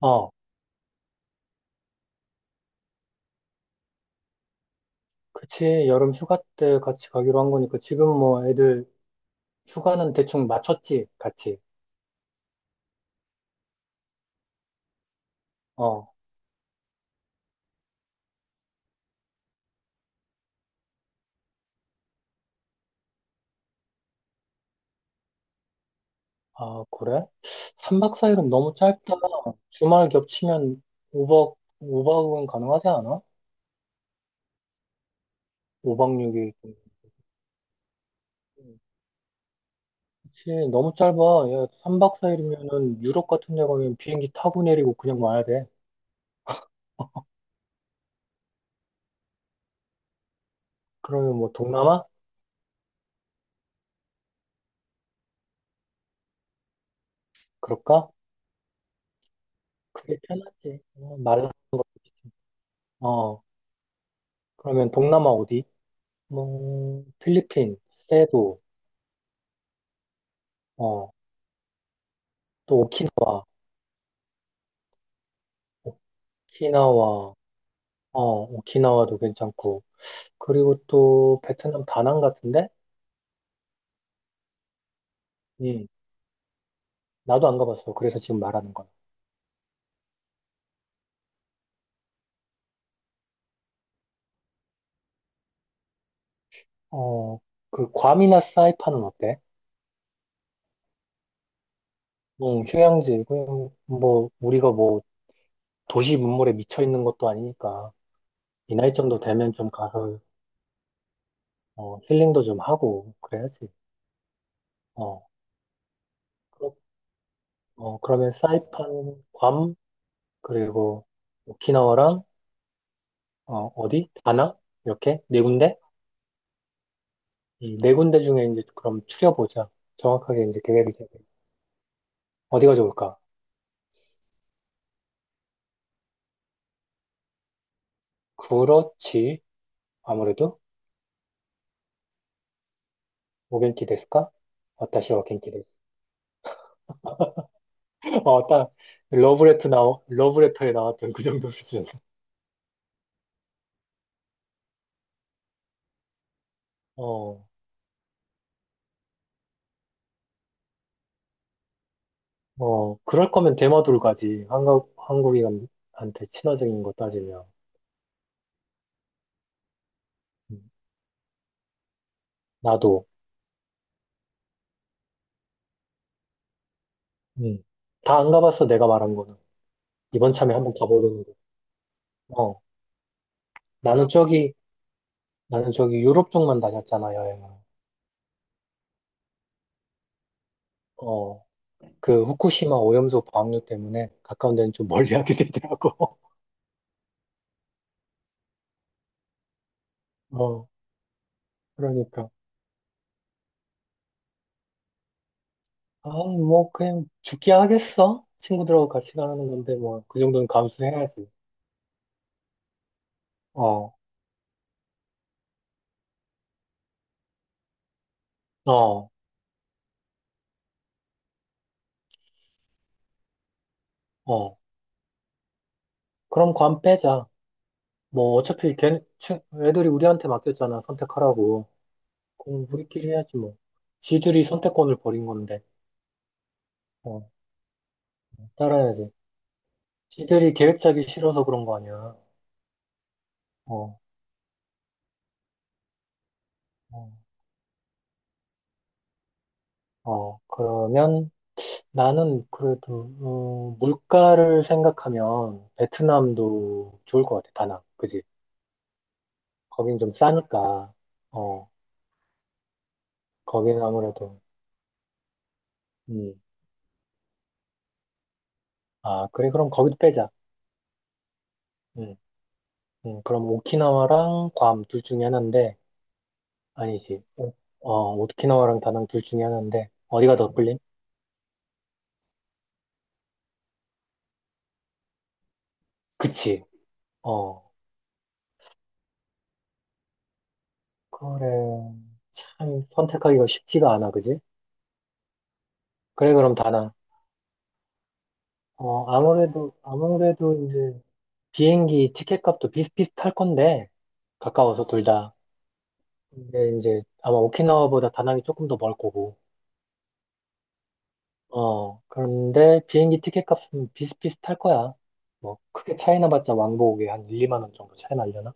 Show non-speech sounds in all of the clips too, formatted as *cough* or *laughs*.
어, 그치. 여름 휴가 때 같이 가기로 한 거니까 지금 뭐 애들 휴가는 대충 맞췄지, 같이. 어, 아, 그래? 3박 4일은 너무 짧다. 주말 겹치면 5박, 5박은 가능하지 않아? 5박 6일. 그치. 너무 짧아. 야, 3박 4일이면은 유럽 같은 데 가면 비행기 타고 내리고 그냥 와야 돼. 그러면 뭐 동남아? 그럴까? 그게 편하지. 어, 말라. 어, 그러면 동남아 어디? 뭐, 필리핀, 세부. 어, 또 오키나와, 오키나와, 오키나와도 괜찮고. 그리고 또 베트남 다낭 같은데? 음, 나도 안 가봤어. 그래서 지금 말하는 거야. 어, 그 괌이나 사이판은 어때? 응, 휴양지. 그냥 뭐, 우리가 뭐, 도시 문물에 미쳐 있는 것도 아니니까. 이 나이 정도 되면 좀 가서, 힐링도 좀 하고, 그래야지. 어, 그러, 그러면 사이판, 괌, 그리고 오키나와랑, 어디? 다낭? 이렇게? 네 군데? 네 군데 중에 이제 그럼 추려보자. 정확하게 이제 계획을 세워. 어디가 좋을까? 그렇지. 아무래도 오겐키 데스까? 와타시 와 겐키 데스. *laughs* 어, 딱 러브레터 나 러브레터에 나왔던 그 정도 수준. 어, 어, 그럴 거면 대마도를 가지. 한국인한테 친화적인 거 따지면 음, 나도 음. 다 안 가봤어. 내가 말한 거는 이번 참에 한번 가보려는 거. 어, 나는 저기 나는 저기 유럽 쪽만 다녔잖아 여행을. 어. 그 후쿠시마 오염수 방류 때문에 가까운 데는 좀 멀리 하게 되더라고. *laughs* 어, 그러니까. 아, 뭐, 그냥 죽게 하겠어? 친구들하고 같이 가는 건데, 뭐, 그 정도는 감수해야지. 어, 어, 어. 그럼 관 빼자. 뭐, 어차피 애들이 우리한테 맡겼잖아, 선택하라고. 그럼 우리끼리 해야지, 뭐. 지들이 선택권을 버린 건데, 어, 따라야지. 지들이 계획 짜기 싫어서 그런 거 아니야. 어, 어, 어. 그러면, 나는 그래도 물가를 생각하면 베트남도 좋을 것 같아. 다낭, 그지? 거긴 좀 싸니까. 어, 거기는 아무래도. 음. 아, 그래, 그럼 거기도 빼자. 음, 그럼 오키나와랑 괌 둘 중에 하나인데 아니지. 오키나와랑 다낭 둘 중에 하나인데 어디가 더 끌림? 그치? 어, 그래. 참 선택하기가 쉽지가 않아, 그지? 그래, 그럼 다낭. 어, 아무래도 이제 비행기 티켓값도 비슷비슷할 건데 가까워서 둘 다. 근데 이제 아마 오키나와보다 다낭이 조금 더 멀 거고. 어, 그런데 비행기 티켓값은 비슷비슷할 거야. 뭐 크게 차이 나봤자 왕복에 한 1, 2만 원 정도 차이 나려나?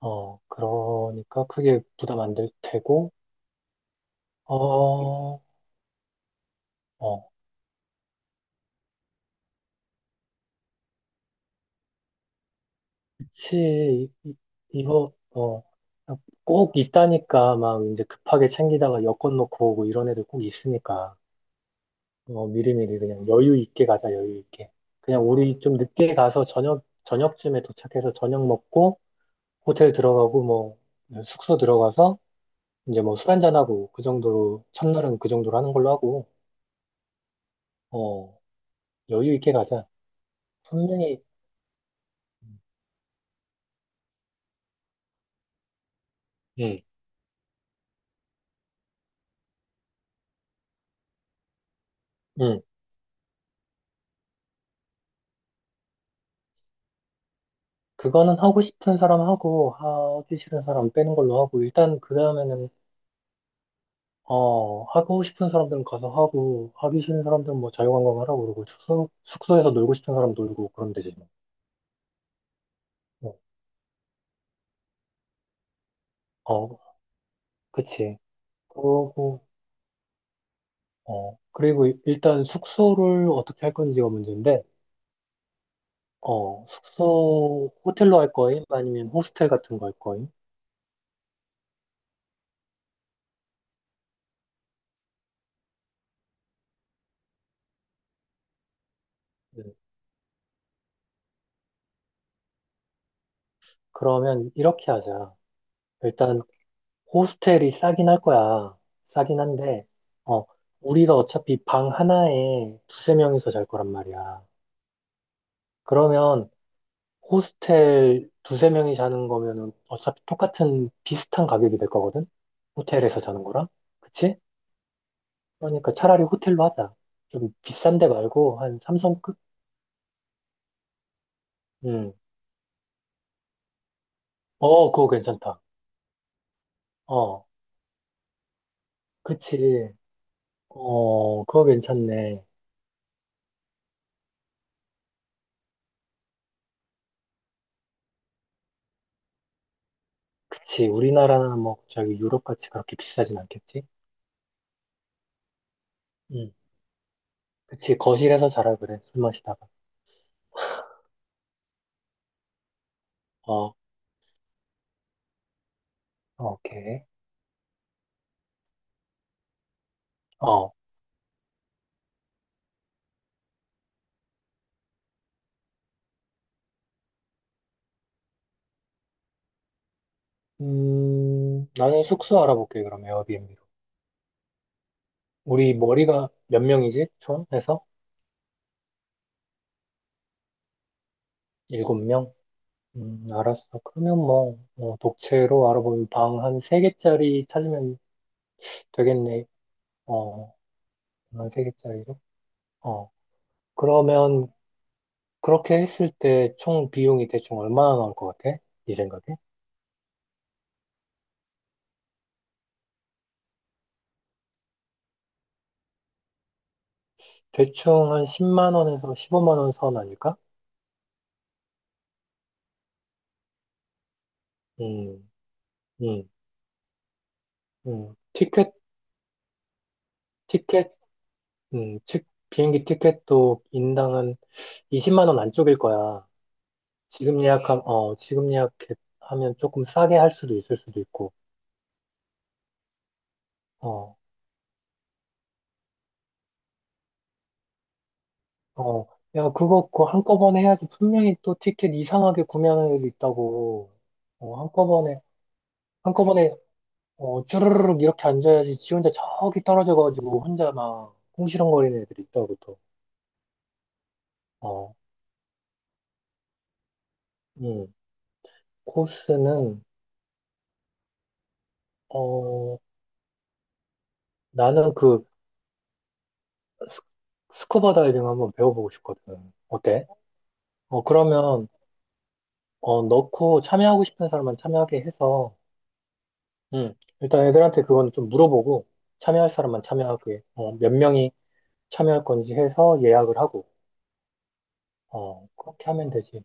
어, 그러니까 크게 부담 안 될 테고. 어, 어, 그치. 이거 꼭 있다니까 막 이제 급하게 챙기다가 여권 놓고 오고 이런 애들 꼭 있으니까. 어, 미리미리 그냥 여유 있게 가자, 여유 있게. 그냥 우리 좀 늦게 가서 저녁쯤에 도착해서 저녁 먹고 호텔 들어가고 뭐 숙소 들어가서 이제 뭐 술 한잔하고 그 정도로 첫날은 그 정도로 하는 걸로 하고, 어, 여유 있게 가자. 분명히, 응, 응. 그거는 하고 싶은 사람 하고 하기 싫은 사람 빼는 걸로 하고 일단 그 다음에는 어, 하고 싶은 사람들은 가서 하고 하기 싫은 사람들은 뭐 자유관광 하라고 그러고 숙소에서 놀고 싶은 사람 놀고 그러면 되지. 어, 그치. 그러고, 어, 그리고 일단 숙소를 어떻게 할 건지가 문제인데, 어, 숙소 호텔로 할 거임? 아니면 호스텔 같은 거 할 거임? 네. 그러면 이렇게 하자. 일단 호스텔이 싸긴 할 거야. 싸긴 한데, 어, 우리가 어차피 방 하나에 두세 명이서 잘 거란 말이야. 그러면 호스텔 두세 명이 자는 거면은 어차피 똑같은 비슷한 가격이 될 거거든? 호텔에서 자는 거랑? 그치? 그러니까 차라리 호텔로 하자. 좀 비싼 데 말고 한 삼성급? 음. 어, 그거 괜찮다. 어, 그치. 어, 그거 괜찮네. 그치. 우리나라나 뭐 저기 유럽같이 그렇게 비싸진 않겠지? 음. 그치. 거실에서 자라 그래. 술 마시다가. 어, 어, 오케이. 어. 나는 숙소 알아볼게, 그럼 에어비앤비로. 우리 머리가 몇 명이지? 총 해서? 일곱 명? 알았어. 그러면 뭐 독채로 알아보면 방 한 세개짜리 찾으면 되겠네. 어, 한 세 개짜리로? 어, 그러면 그렇게 했을 때 총 비용이 대충 얼마나 나올 것 같아? 네 생각에? 대충 한 10만 원에서 15만 원 선 아닐까? 음, 음, 음. 티켓, 티켓, 즉, 비행기 티켓도 인당은 20만 원 안쪽일 거야. 지금 예약하면 조금 싸게 할 수도 있을 수도 있고, 어. 어, 야, 그거 한꺼번에 해야지. 분명히 또 티켓 이상하게 구매하는 애들 있다고. 어, 한꺼번에, 어, 쭈르르륵 이렇게 앉아야지. 지 혼자 저기 떨어져가지고 혼자 막 궁시렁거리는 애들 있다고 또. 어, 음. 코스는, 어, 나는 스- 스쿠버 다이빙 한번 배워보고 싶거든. 어때? 어, 그러면, 넣고 참여하고 싶은 사람만 참여하게 해서, 음, 일단 애들한테 그건 좀 물어보고, 참여할 사람만 참여하게, 몇 명이, 참여할 건지 해서 예약을 하고, 어, 그렇게 하면 되지.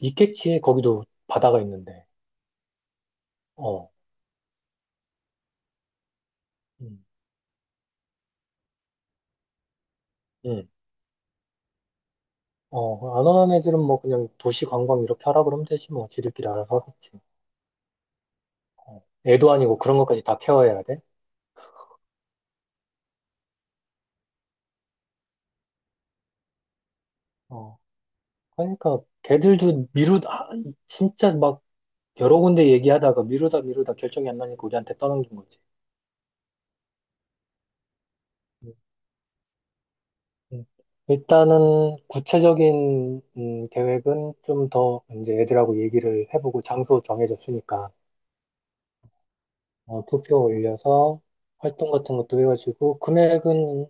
있겠지, 거기도 바다가 있는데. 어, 음, 음. 어, 안 오는 애들은 뭐 그냥 도시 관광 이렇게 하라 그러면 되지, 뭐. 지들끼리 알아서 하겠지. 어, 애도 아니고 그런 것까지 다 케어해야 돼. 어, 그러니까 걔들도 미루다, 진짜 막 여러 군데 얘기하다가 미루다 미루다 결정이 안 나니까 우리한테 떠넘긴 거지. 음, 음. 일단은 구체적인 계획은 좀 더 이제 애들하고 얘기를 해보고 장소 정해졌으니까 어, 투표 올려서 활동 같은 것도 해가지고 금액은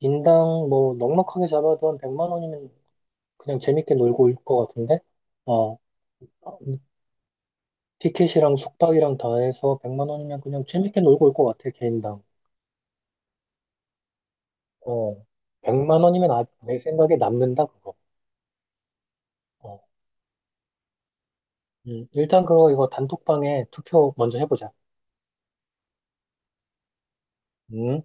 인당 뭐 넉넉하게 잡아도 한 100만 원이면 그냥 재밌게 놀고 올 것 같은데 어, 티켓이랑 숙박이랑 다 해서 100만 원이면 그냥 재밌게 놀고 올 것 같아, 개인당. 어, 100만 원이면, 아, 내 생각에 남는다 그거. 어, 일단 그거 이거 단톡방에 투표 먼저 해보자. 음.